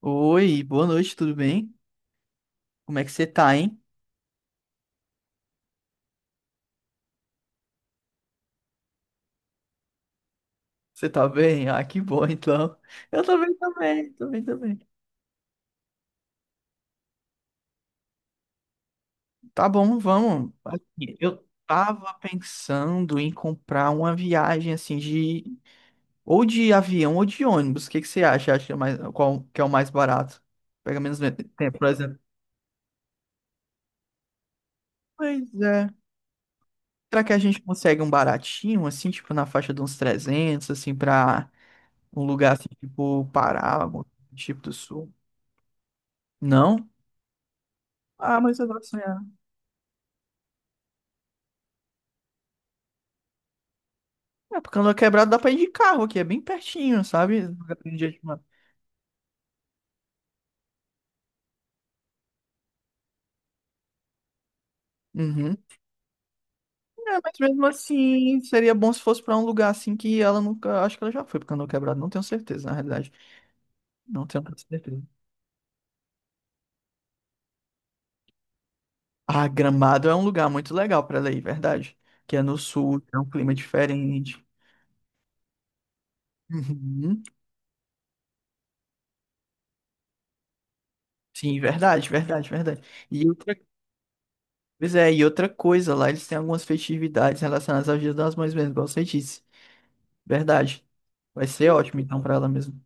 Oi, boa noite, tudo bem? Como é que você tá, hein? Você tá bem? Ah, que bom, então. Eu também, também, também, também. Tá bom, vamos. Aqui, eu tava pensando em comprar uma viagem assim de ou de avião ou de ônibus. O que que você acha? Acha mais qual que é o mais barato? Pega tempo, por exemplo. Pois é. Será que a gente consegue um baratinho assim, tipo na faixa de uns 300, assim, pra um lugar assim, tipo Pará, algum tipo do Sul? Não? Ah, mas eu gosto de sonhar. É, porque andou quebrado dá pra ir de carro aqui, é bem pertinho, sabe? Lugar que a gente mora. Uhum. É, mas mesmo assim, seria bom se fosse pra um lugar assim que ela nunca. Acho que ela já foi porque andou quebrado, não tenho certeza, na realidade. Não tenho tanta certeza. Ah, Gramado é um lugar muito legal pra ela ir, verdade. Que é no sul, é um clima diferente. Uhum. Sim, verdade, verdade, verdade. E outra, pois é, e outra coisa, lá eles têm algumas festividades relacionadas ao Dia das Mães mesmo, igual você disse. Verdade. Vai ser ótimo então pra ela mesmo.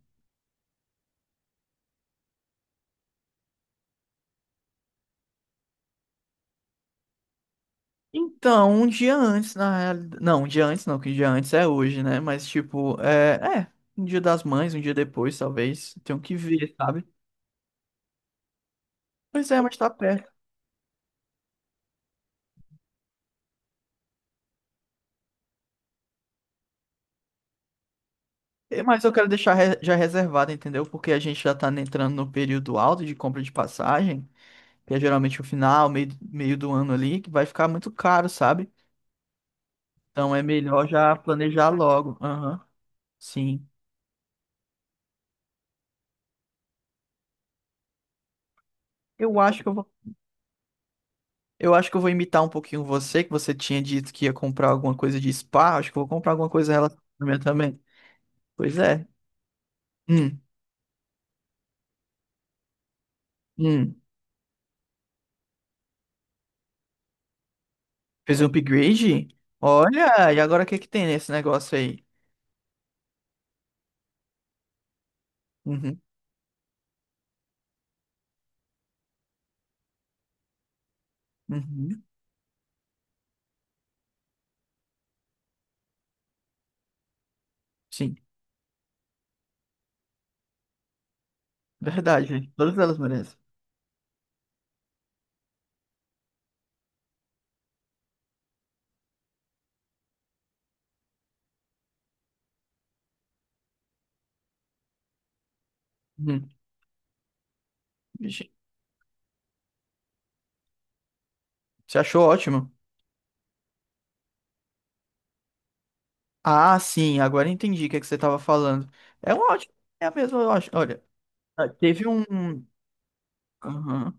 Então, um dia antes, na realidade. Não, um dia antes não, que um dia antes é hoje, né? Mas, tipo, é. É, um dia das mães, um dia depois, talvez. Tenho que ver, sabe? Pois é, mas tá perto. Mas eu quero já reservado, entendeu? Porque a gente já tá entrando no período alto de compra de passagem, que é geralmente o final, meio do ano ali, que vai ficar muito caro, sabe? Então é melhor já planejar logo. Aham, sim. Eu acho que eu vou. Eu acho que eu vou imitar um pouquinho você, que você tinha dito que ia comprar alguma coisa de spa. Acho que eu vou comprar alguma coisa relacionada à minha também. Pois é. Hum, hum. Fez um upgrade? Olha, e agora o que que tem nesse negócio aí? Uhum, uhum. Sim, verdade. Gente. Todas elas merecem. Uhum. Vixe, você achou ótimo? Ah, sim, agora eu entendi o que é que você estava falando. É um ótimo. É a mesma, eu acho. Olha, ah, teve um. Aham.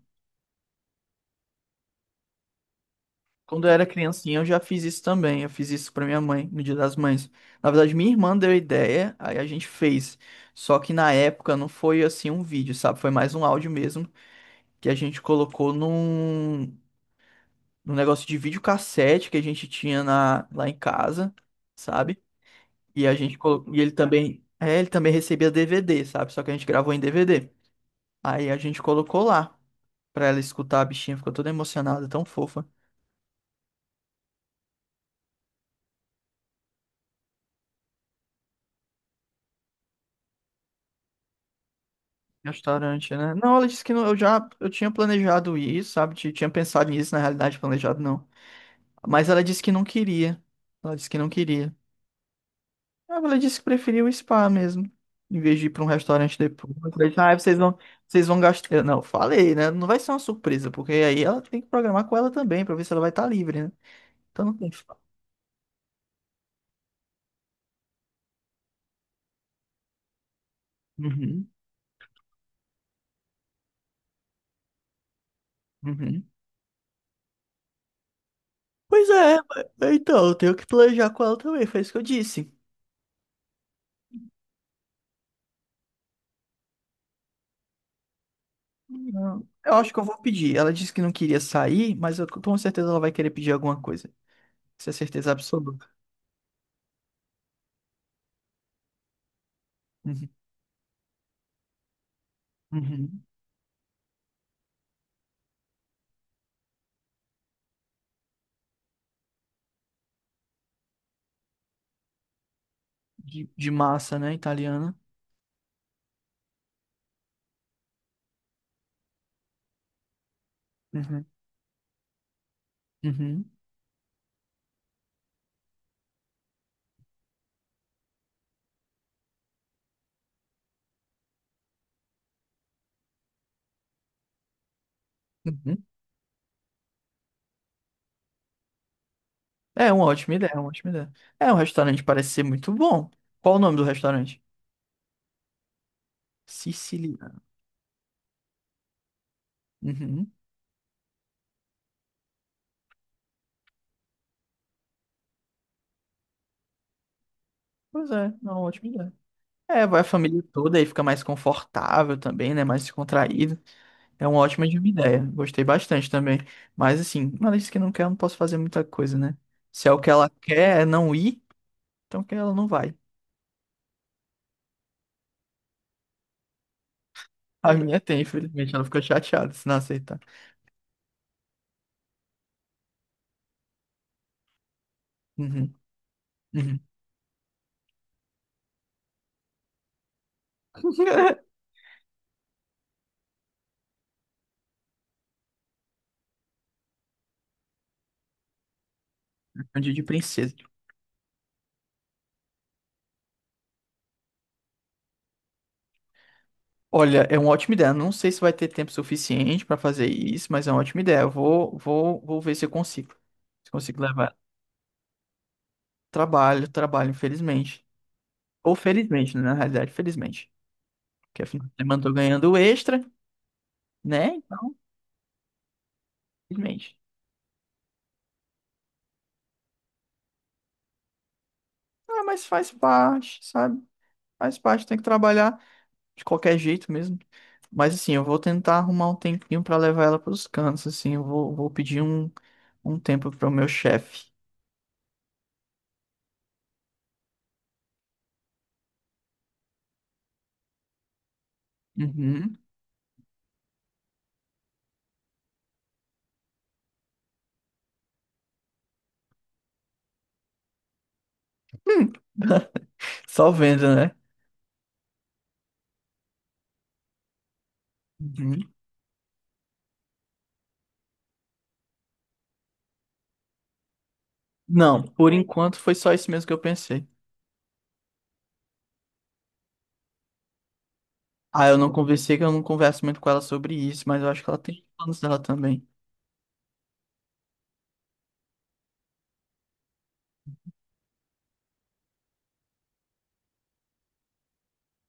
Quando eu era criancinha, eu já fiz isso também. Eu fiz isso pra minha mãe, no Dia das Mães. Na verdade, minha irmã deu a ideia, aí a gente fez. Só que na época não foi assim um vídeo, sabe? Foi mais um áudio mesmo, que a gente num negócio de videocassete que a gente tinha lá em casa, sabe? E a gente colocou, e ele também, é, ele também recebia DVD, sabe? Só que a gente gravou em DVD. Aí a gente colocou lá pra ela escutar, a bichinha ficou toda emocionada, tão fofa. Restaurante, né? Não, ela disse que não, eu tinha planejado ir, sabe? Tinha pensado nisso, na realidade, planejado não. Mas ela disse que não queria. Ela disse que não queria. Ah, ela disse que preferia o spa mesmo, em vez de ir para um restaurante depois. Eu falei, ah, vocês vão gastar. Eu, não, falei, né? Não vai ser uma surpresa, porque aí ela tem que programar com ela também, pra ver se ela vai estar livre, né? Então não tem. Uhum, uhum. Pois é, então, eu tenho que planejar com ela também, foi isso que eu disse. Não, eu acho que eu vou pedir. Ela disse que não queria sair, mas eu com certeza ela vai querer pedir alguma coisa. Isso é certeza absoluta. Uhum. Uhum. De massa, né? Italiana. Uhum. Uhum. Uhum. É uma ótima ideia, uma ótima ideia. É, o restaurante parece ser muito bom. Qual o nome do restaurante? Siciliano. Uhum. Pois é, é uma ótima ideia. É, vai a família toda aí, fica mais confortável também, né? Mais descontraído. É uma ótima de uma ideia. Gostei bastante também. Mas assim, uma lista que não quer, eu não posso fazer muita coisa, né? Se é o que ela quer é não ir, então que ela não vai. A minha tem, infelizmente. Ela ficou chateada se não aceitar. Uhum, uhum. Um dia de princesa. Olha, é uma ótima ideia. Não sei se vai ter tempo suficiente pra fazer isso, mas é uma ótima ideia. Eu vou, vou ver se eu consigo. Se consigo levar. Trabalho, trabalho, infelizmente. Ou felizmente, né? Na realidade, felizmente. Porque afinal, de semana eu tô ganhando extra, né? Então, felizmente. Ah, mas faz parte, sabe? Faz parte, tem que trabalhar de qualquer jeito mesmo. Mas assim, eu vou tentar arrumar um tempinho pra levar ela pros cantos, assim, vou um tempo pro meu chefe. Uhum. Hum. Só vendo, né? Uhum. Não, por enquanto foi só isso mesmo que eu pensei. Ah, eu não conversei, que eu não converso muito com ela sobre isso, mas eu acho que ela tem planos dela também.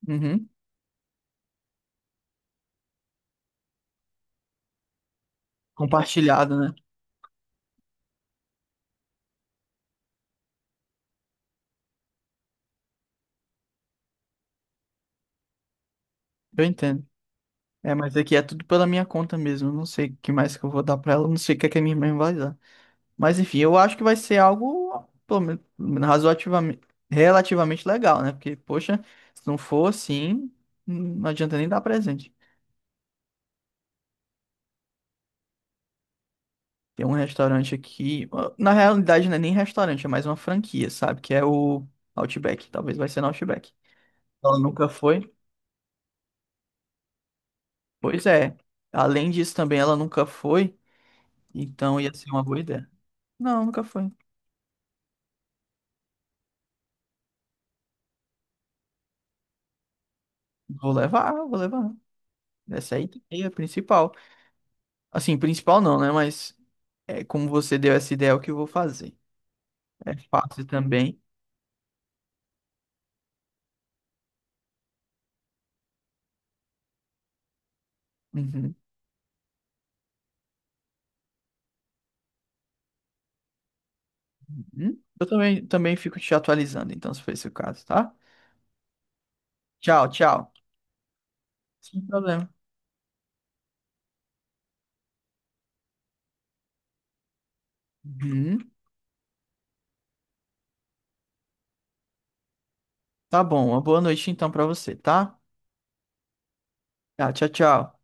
Uhum. Compartilhado, né? Eu entendo. É, mas aqui é tudo pela minha conta mesmo. Eu Não sei o que mais que eu vou dar pra ela, eu não sei o que é que a minha mãe vai dar. Mas enfim, eu acho que vai ser algo pelo menos, razoativamente, relativamente legal, né? Porque, poxa, se não for assim, não adianta nem dar presente. Tem um restaurante aqui, na realidade não é nem restaurante, é mais uma franquia, sabe? Que é o Outback, talvez vai ser no Outback. Ela nunca foi? Pois é. Além disso também ela nunca foi, então ia ser uma boa ideia. Não, nunca foi. Vou levar, vou levar. Essa aí é a principal. Assim, principal não, né? Mas é, como você deu essa ideia, é o que eu vou fazer. É fácil também. Uhum, uhum. Eu também, também fico te atualizando, então, se for esse o caso, tá? Tchau, tchau. Sem problema. Uhum. Tá bom, uma boa noite então pra você, tá? Tá, tchau, tchau.